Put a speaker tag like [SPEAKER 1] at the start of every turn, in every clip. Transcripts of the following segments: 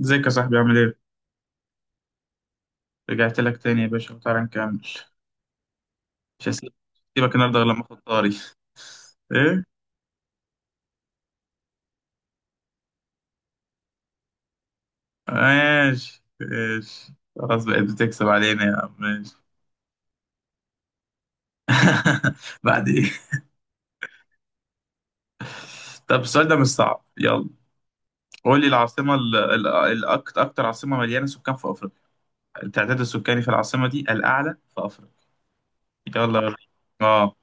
[SPEAKER 1] ازيك يا صاحبي عامل ايه؟ رجعت لك تاني يا باشا وتعالى نكمل. مش هسيبك. هسيبك النهارده غير لما اخد طاري. ايه؟ ماشي ماشي. خلاص بقيت بتكسب علينا يا عم ماشي. بعد ايه؟ طب السؤال ده مش صعب، يلا. قول لي العاصمة أكتر عاصمة مليانة سكان في أفريقيا، التعداد السكاني في العاصمة دي الأعلى في أفريقيا. يلا وريني. اه.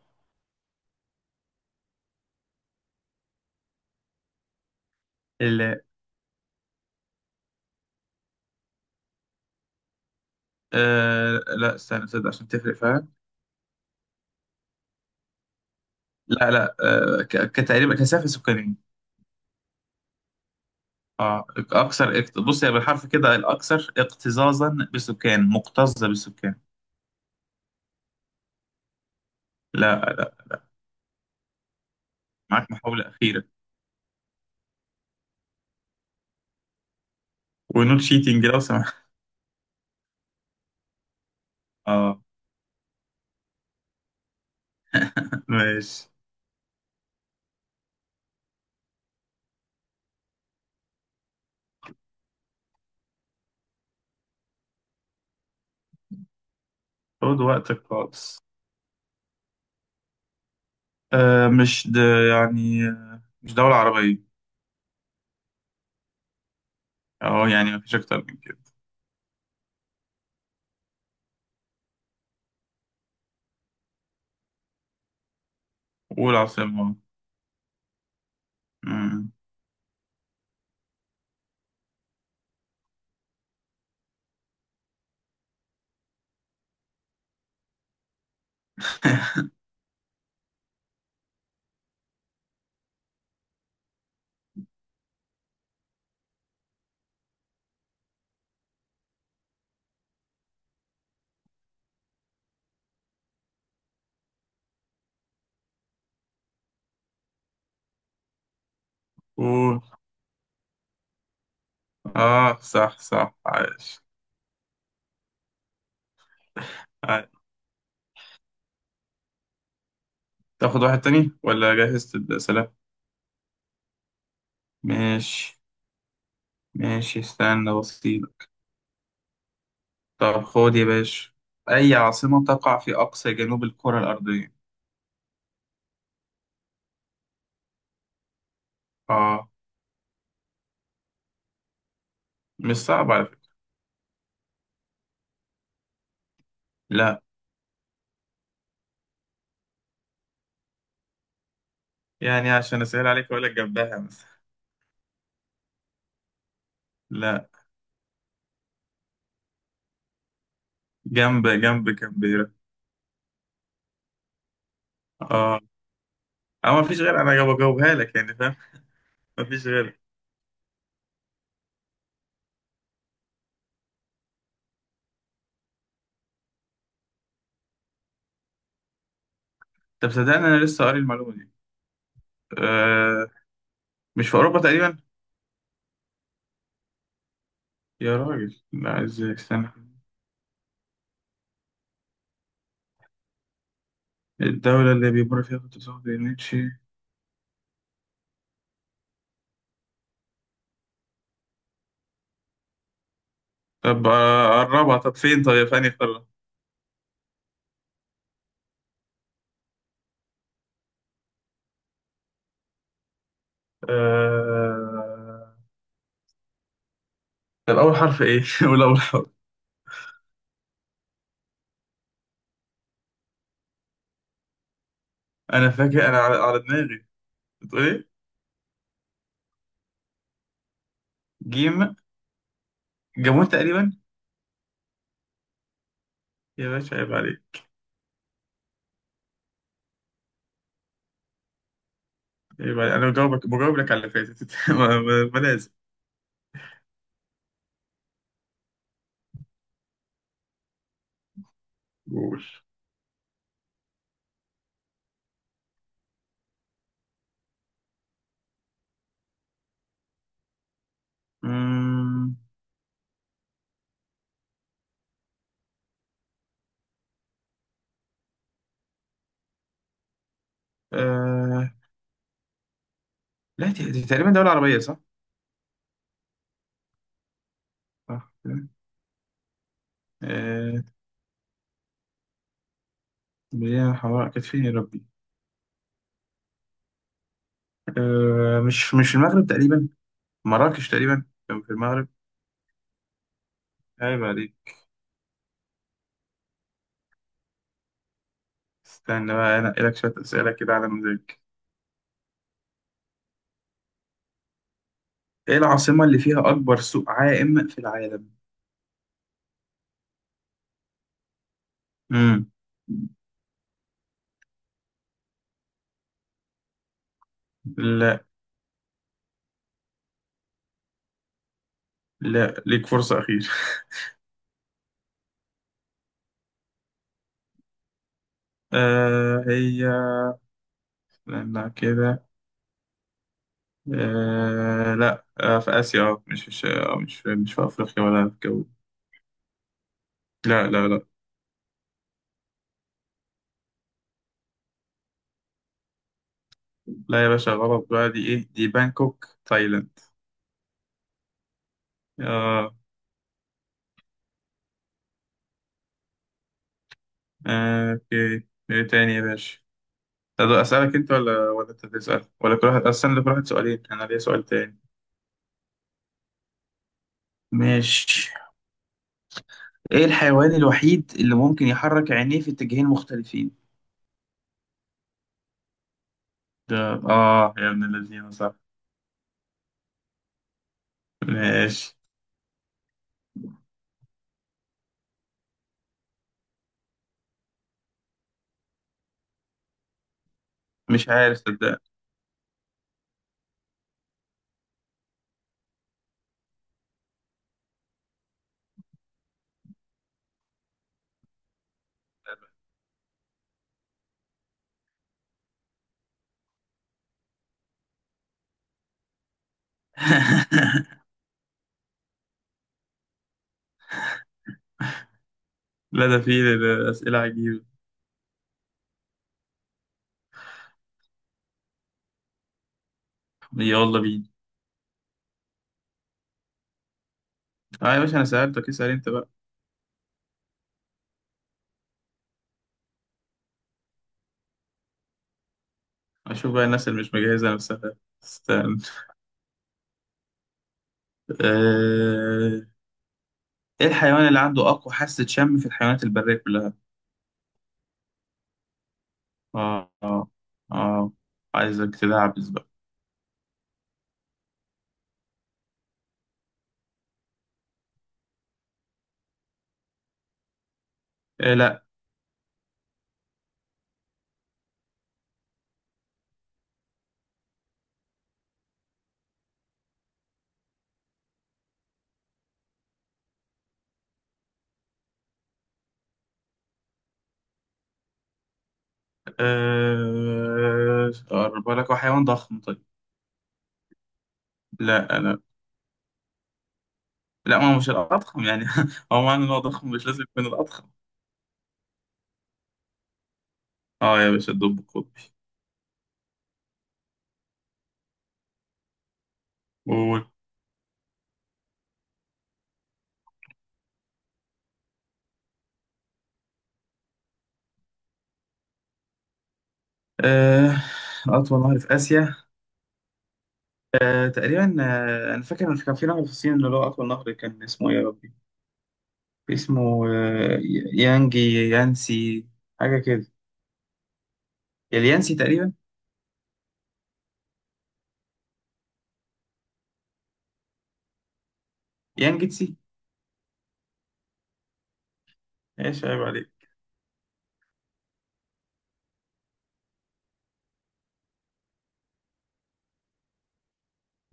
[SPEAKER 1] ال. آه. لا استنى تصدق عشان تفرق فعلا. لا لا. آه ك- كتقريبا كثافة سكانية. اه. اكثر بص هي بالحرف كده الاكثر اكتظاظا بسكان، مكتظه بسكان. لا لا. معاك محاوله اخيره. ونوت شيتنج لو سمحت. اه ماشي. خد وقتك خالص. آه مش د... مش دوله عربيه. اه يعني مفيش اكتر من كده. قول عاصمه. مم. قول. اه صح صح عايش. عايش. تاخد واحد تاني ولا جهزت السلام؟ ماشي ماشي. استنى بسيط. طب خد يا باشا، أي عاصمة تقع في أقصى جنوب الكرة الأرضية؟ آه مش صعب على فكرة. لا. يعني عشان أسهل عليك أقول لك جنبها مثلا. لا. جنب كامبيرا. آه. أو مفيش غير، أنا جاوب- بجاوبها لك يعني، فاهم؟ مفيش غير. طب صدقني أنا لسه قاري المعلومة دي. آه مش في أوروبا تقريبا؟ يا راجل لا إزاي، استنى. الدولة اللي بيمر فيها خط السواد نيتشي. طب قربها، طب فين، طب يا فاني قربها. آه... طب أول حرف إيه؟ قول أول حرف. انا فاكر انا على دماغي. بتقول ايه؟ جيم. جابون تقريبا. يا باشا عيب عليك. عيب عليك، انا بجاوبك، بجاوب لك على اللي فاتت ما لازم. قول. أمم، آه... لا دي تقريبا دولة عربية، صح؟ صح كده. آه... مليانة حمراء، كانت فين يا ربي؟ مش مش المغرب تقريبا؟ مراكش تقريبا، كان في المغرب. عيب عليك. استنى بقى انا لك شوية أسئلة كده على مزاجك. ايه العاصمة اللي فيها أكبر سوق عائم في العالم؟ امم. لا ليك فرصة أخيرة. آه هي، لا كده، آه لا آه في آسيا، مش في أفريقيا ولا في الجو. لا لا لا. لا يا باشا غلط بقى، دي إيه دي، بانكوك تايلاند. آه آه. أوكي إيه تاني يا باشا؟ طب أسألك أنت ولا أنت تسأل، ولا كل واحد، أستنى كل واحد سؤالين، أنا ليا سؤال تاني. ماشي. إيه الحيوان الوحيد اللي ممكن يحرك عينيه في اتجاهين مختلفين؟ ده. آه يا ابن الذين صح. ماشي. مش عارف صدق. لا ده فيه أسئلة عجيبة. يلا بينا. اه يا باشا أنا سألتك، اسأل أنت بقى. أشوف بقى الناس اللي مش مجهزة نفسها. استنى. آه، إيه الحيوان اللي عنده أقوى حاسة شم في الحيوانات البرية كلها؟ آه آه. آه. عايزك تدعبس بقى. إيه لا. أقرب لك، هو حيوان ضخم طيب. لا لا لا. ما هو مش الأضخم يعني هو معنى إن هو ضخم مش لازم يكون الأضخم. آه يا باشا الدب القطبي. آه، أطول نهر في آسيا. تقريبا، أنا فاكر إن كان في نهر في الصين اللي هو أطول نهر، كان اسمه إيه يا ربي؟ اسمه يانجي، يانسي، حاجة كده. اليانسي تقريبا. يانجتسي. إيش عيب عليك؟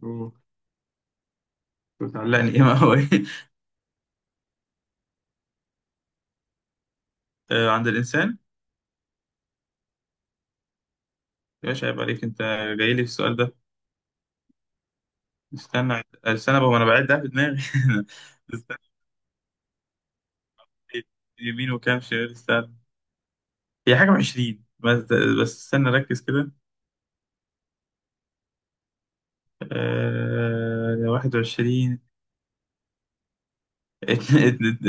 [SPEAKER 1] أوه، بتعلقني إيه ما هو إيه؟ عند الإنسان. إيش عيب عليك أنت، جاي لي في السؤال ده. استنى استنى بقى وأنا بعد ده في دماغي. استنى. يمين وكام شمال، استنى. هي حاجة وعشرين بس. بس استنى ركز كده. 21.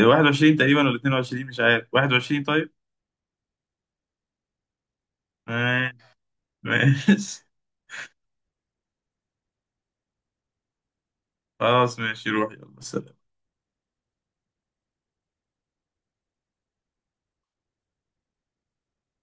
[SPEAKER 1] 21 تقريبا، ولا 22 مش عارف، 21 طيب. آه... ماشي. خلاص ماشي، روح، يلا سلام.